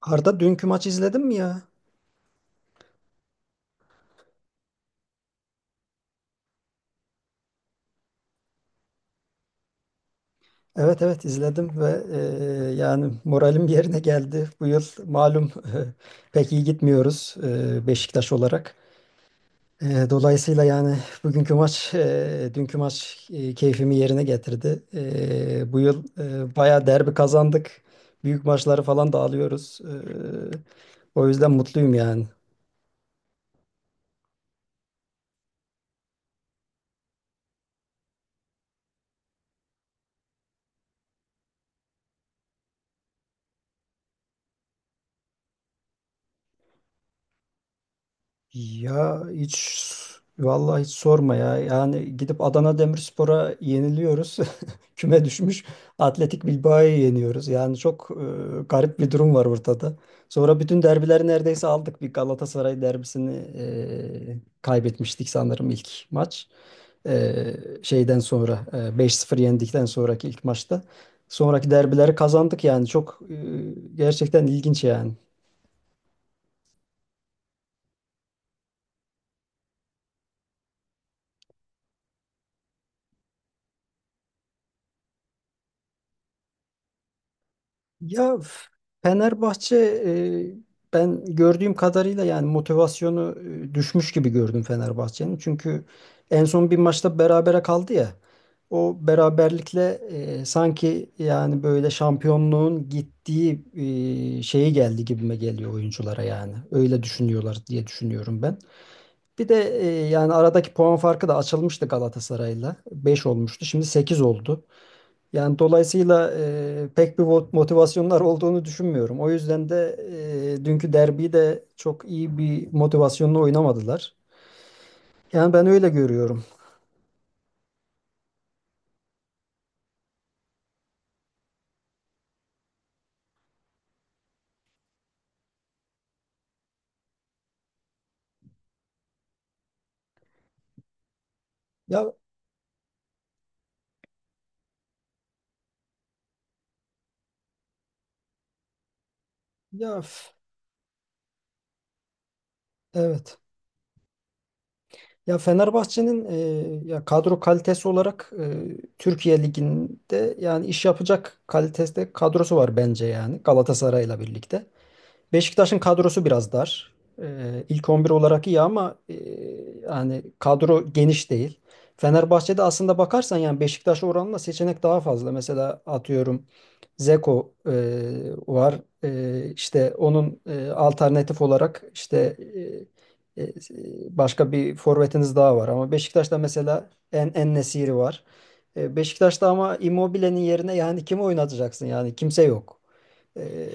Arda dünkü maçı izledin mi ya? Evet, evet, izledim ve yani moralim yerine geldi. Bu yıl malum pek iyi gitmiyoruz Beşiktaş olarak. Dolayısıyla yani bugünkü maç, dünkü maç keyfimi yerine getirdi. Bu yıl bayağı derbi kazandık. Büyük maçları falan da alıyoruz. O yüzden mutluyum yani. Ya hiç vallahi hiç sorma ya. Yani gidip Adana Demirspor'a yeniliyoruz. küme düşmüş Atletik Bilbao'yu yeniyoruz. Yani çok garip bir durum var ortada. Sonra bütün derbileri neredeyse aldık. Bir Galatasaray derbisini kaybetmiştik sanırım ilk maç. E, Şeyden sonra 5-0 yendikten sonraki ilk maçta. Sonraki derbileri kazandık yani çok gerçekten ilginç yani. Ya Fenerbahçe e, ben gördüğüm kadarıyla yani motivasyonu düşmüş gibi gördüm Fenerbahçe'nin. Çünkü en son bir maçta berabere kaldı ya. O beraberlikle sanki yani böyle şampiyonluğun gittiği şeyi geldi gibime geliyor oyunculara yani. Öyle düşünüyorlar diye düşünüyorum ben. Bir de yani aradaki puan farkı da açılmıştı Galatasaray'la. 5 olmuştu. Şimdi 8 oldu. Yani dolayısıyla pek bir motivasyonlar olduğunu düşünmüyorum. O yüzden de dünkü derbiyi de çok iyi bir motivasyonla oynamadılar. Yani ben öyle görüyorum. Ya ya evet. Ya Fenerbahçe'nin ya kadro kalitesi olarak Türkiye Ligi'nde yani iş yapacak kalitede kadrosu var bence yani Galatasaray'la birlikte. Beşiktaş'ın kadrosu biraz dar. İlk 11 olarak iyi ama yani kadro geniş değil. Fenerbahçe'de aslında bakarsan yani Beşiktaş oranla seçenek daha fazla. Mesela atıyorum Zeko var. İşte onun alternatif olarak işte e, e, başka bir forvetiniz daha var. Ama Beşiktaş'ta mesela En-Nesyri var. Beşiktaş'ta ama Immobile'nin yerine yani kimi oynatacaksın? Yani kimse yok. Ee,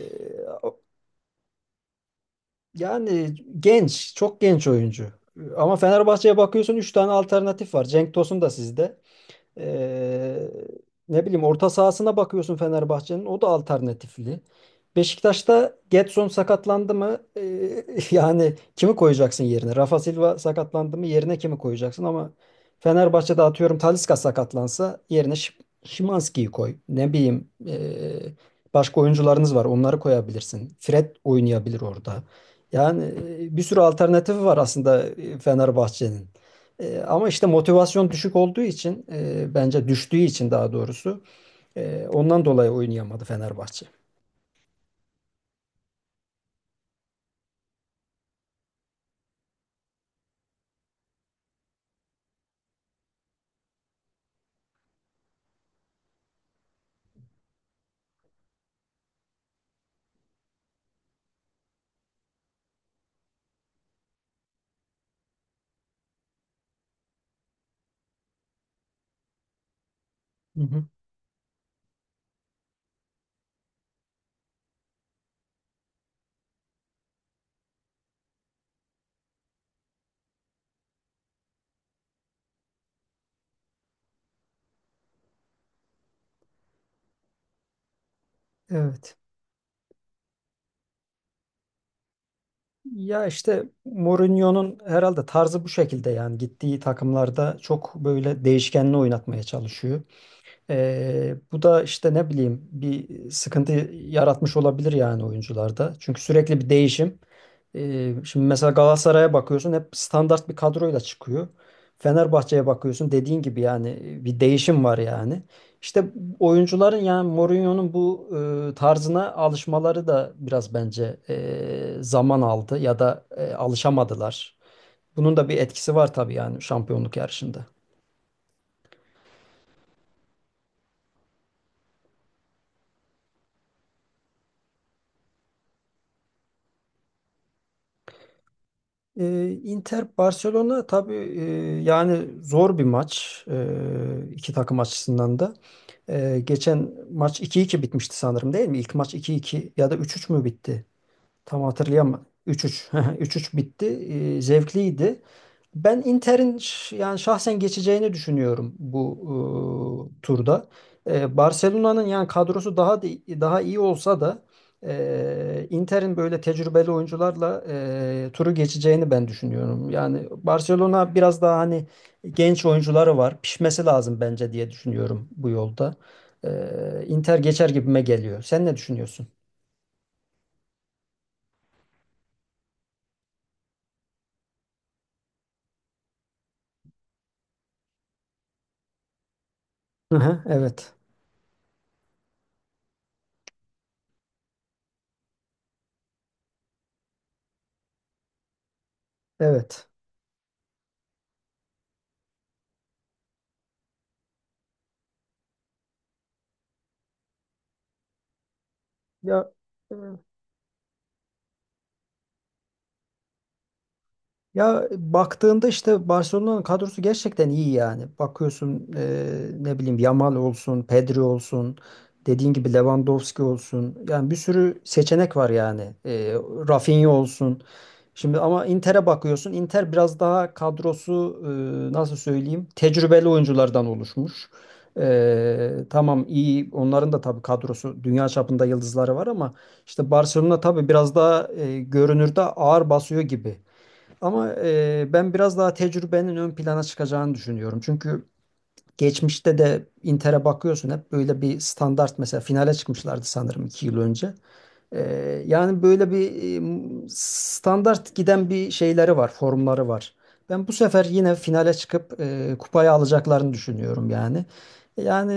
Yani genç, çok genç oyuncu. Ama Fenerbahçe'ye bakıyorsun 3 tane alternatif var. Cenk Tosun da sizde. Ee, Ne bileyim orta sahasına bakıyorsun Fenerbahçe'nin o da alternatifli. Beşiktaş'ta Gedson sakatlandı mı? Yani kimi koyacaksın yerine? Rafa Silva sakatlandı mı? Yerine kimi koyacaksın? Ama Fenerbahçe'de atıyorum Talisca sakatlansa yerine Szymański'yi koy. Ne bileyim başka oyuncularınız var onları koyabilirsin. Fred oynayabilir orada. Yani bir sürü alternatifi var aslında Fenerbahçe'nin. Ama işte motivasyon düşük olduğu için bence düştüğü için daha doğrusu ondan dolayı oynayamadı Fenerbahçe. Hı hı. Evet. Ya işte Mourinho'nun herhalde tarzı bu şekilde yani gittiği takımlarda çok böyle değişkenli oynatmaya çalışıyor. Bu da işte ne bileyim bir sıkıntı yaratmış olabilir yani oyuncularda. Çünkü sürekli bir değişim. Şimdi mesela Galatasaray'a bakıyorsun hep standart bir kadroyla çıkıyor. Fenerbahçe'ye bakıyorsun dediğin gibi yani bir değişim var yani. İşte oyuncuların yani Mourinho'nun bu tarzına alışmaları da biraz bence zaman aldı ya da alışamadılar. Bunun da bir etkisi var tabii yani şampiyonluk yarışında. Inter Barcelona tabii yani zor bir maç iki takım açısından da. Geçen maç 2-2 bitmişti sanırım değil mi? İlk maç 2-2 ya da 3-3 mü bitti? Tam hatırlayamadım. 3-3 3-3 bitti. Zevkliydi. Ben Inter'in yani şahsen geçeceğini düşünüyorum bu turda. Barcelona'nın yani kadrosu daha iyi olsa da Inter'in böyle tecrübeli oyuncularla turu geçeceğini ben düşünüyorum. Yani Barcelona biraz daha hani genç oyuncuları var. Pişmesi lazım bence diye düşünüyorum bu yolda. Inter geçer gibime geliyor. Sen ne düşünüyorsun? Hı hı, evet. Evet. Ya Ya baktığında işte Barcelona'nın kadrosu gerçekten iyi yani. Bakıyorsun ne bileyim Yamal olsun, Pedri olsun, dediğin gibi Lewandowski olsun. Yani bir sürü seçenek var yani. Rafinha olsun. Şimdi ama Inter'e bakıyorsun. Inter biraz daha kadrosu nasıl söyleyeyim? Tecrübeli oyunculardan oluşmuş. Tamam iyi onların da tabii kadrosu dünya çapında yıldızları var ama işte Barcelona tabii biraz daha görünürde ağır basıyor gibi. Ama ben biraz daha tecrübenin ön plana çıkacağını düşünüyorum. Çünkü geçmişte de Inter'e bakıyorsun hep böyle bir standart mesela finale çıkmışlardı sanırım 2 yıl önce. Yani böyle bir standart giden bir şeyleri var, formları var. Ben bu sefer yine finale çıkıp kupayı alacaklarını düşünüyorum yani. Yani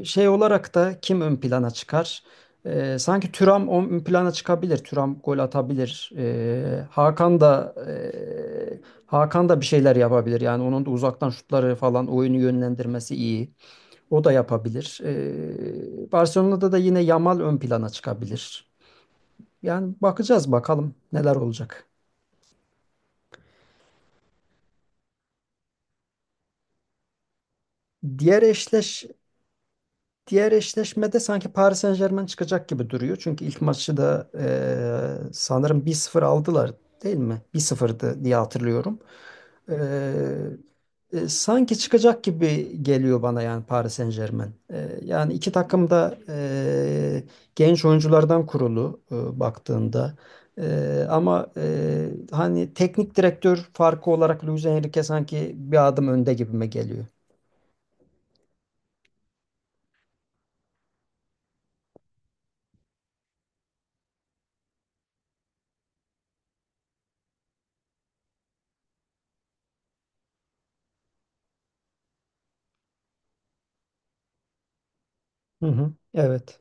şey olarak da kim ön plana çıkar? Sanki Thuram ön plana çıkabilir. Thuram gol atabilir. Hakan da bir şeyler yapabilir. Yani onun da uzaktan şutları falan oyunu yönlendirmesi iyi. O da yapabilir. Barcelona'da da yine Yamal ön plana çıkabilir. Yani bakacağız bakalım neler olacak. Diğer eşleş Diğer eşleşmede sanki Paris Saint-Germain çıkacak gibi duruyor. Çünkü ilk maçı da sanırım 1-0 aldılar değil mi? 1-0'dı diye hatırlıyorum. E, sanki çıkacak gibi geliyor bana yani Paris Saint-Germain. Yani iki takım da genç oyunculardan kurulu baktığında. Ama hani teknik direktör farkı olarak Luis Enrique sanki bir adım önde gibime geliyor. Hı hı. Evet.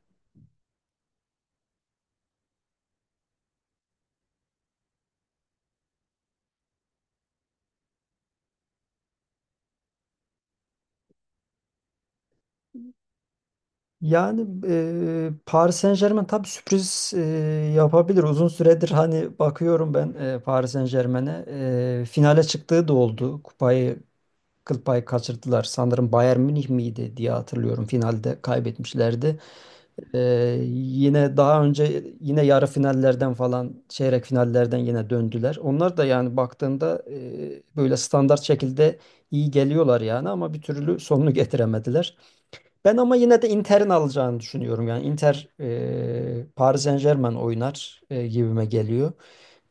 Yani Paris Saint-Germain tabii sürpriz yapabilir. Uzun süredir hani bakıyorum ben Paris Saint-Germain'e. Finale çıktığı da oldu. Kupayı kıl payı kaçırdılar. Sanırım Bayern Münih miydi diye hatırlıyorum. Finalde kaybetmişlerdi. Yine daha önce yine yarı finallerden falan çeyrek finallerden yine döndüler. Onlar da yani baktığında böyle standart şekilde iyi geliyorlar yani ama bir türlü sonunu getiremediler. Ben ama yine de Inter'in alacağını düşünüyorum. Yani Inter Paris Saint-Germain oynar gibime geliyor.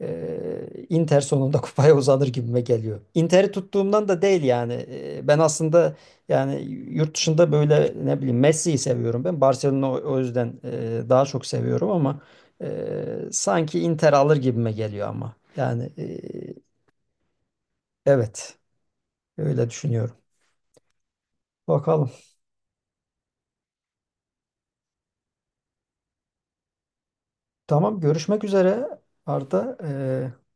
Inter sonunda kupaya uzanır gibime geliyor. Inter'i tuttuğumdan da değil yani. Ben aslında yani yurt dışında böyle ne bileyim Messi'yi seviyorum ben. Barcelona o yüzden daha çok seviyorum ama sanki Inter alır gibime geliyor ama. Yani evet öyle düşünüyorum. Bakalım. Tamam görüşmek üzere Arda.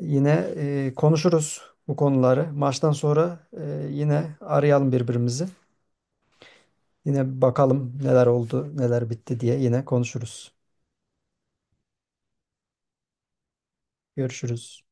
Yine konuşuruz bu konuları. Maçtan sonra yine arayalım birbirimizi. Yine bakalım neler oldu, neler bitti diye yine konuşuruz. Görüşürüz.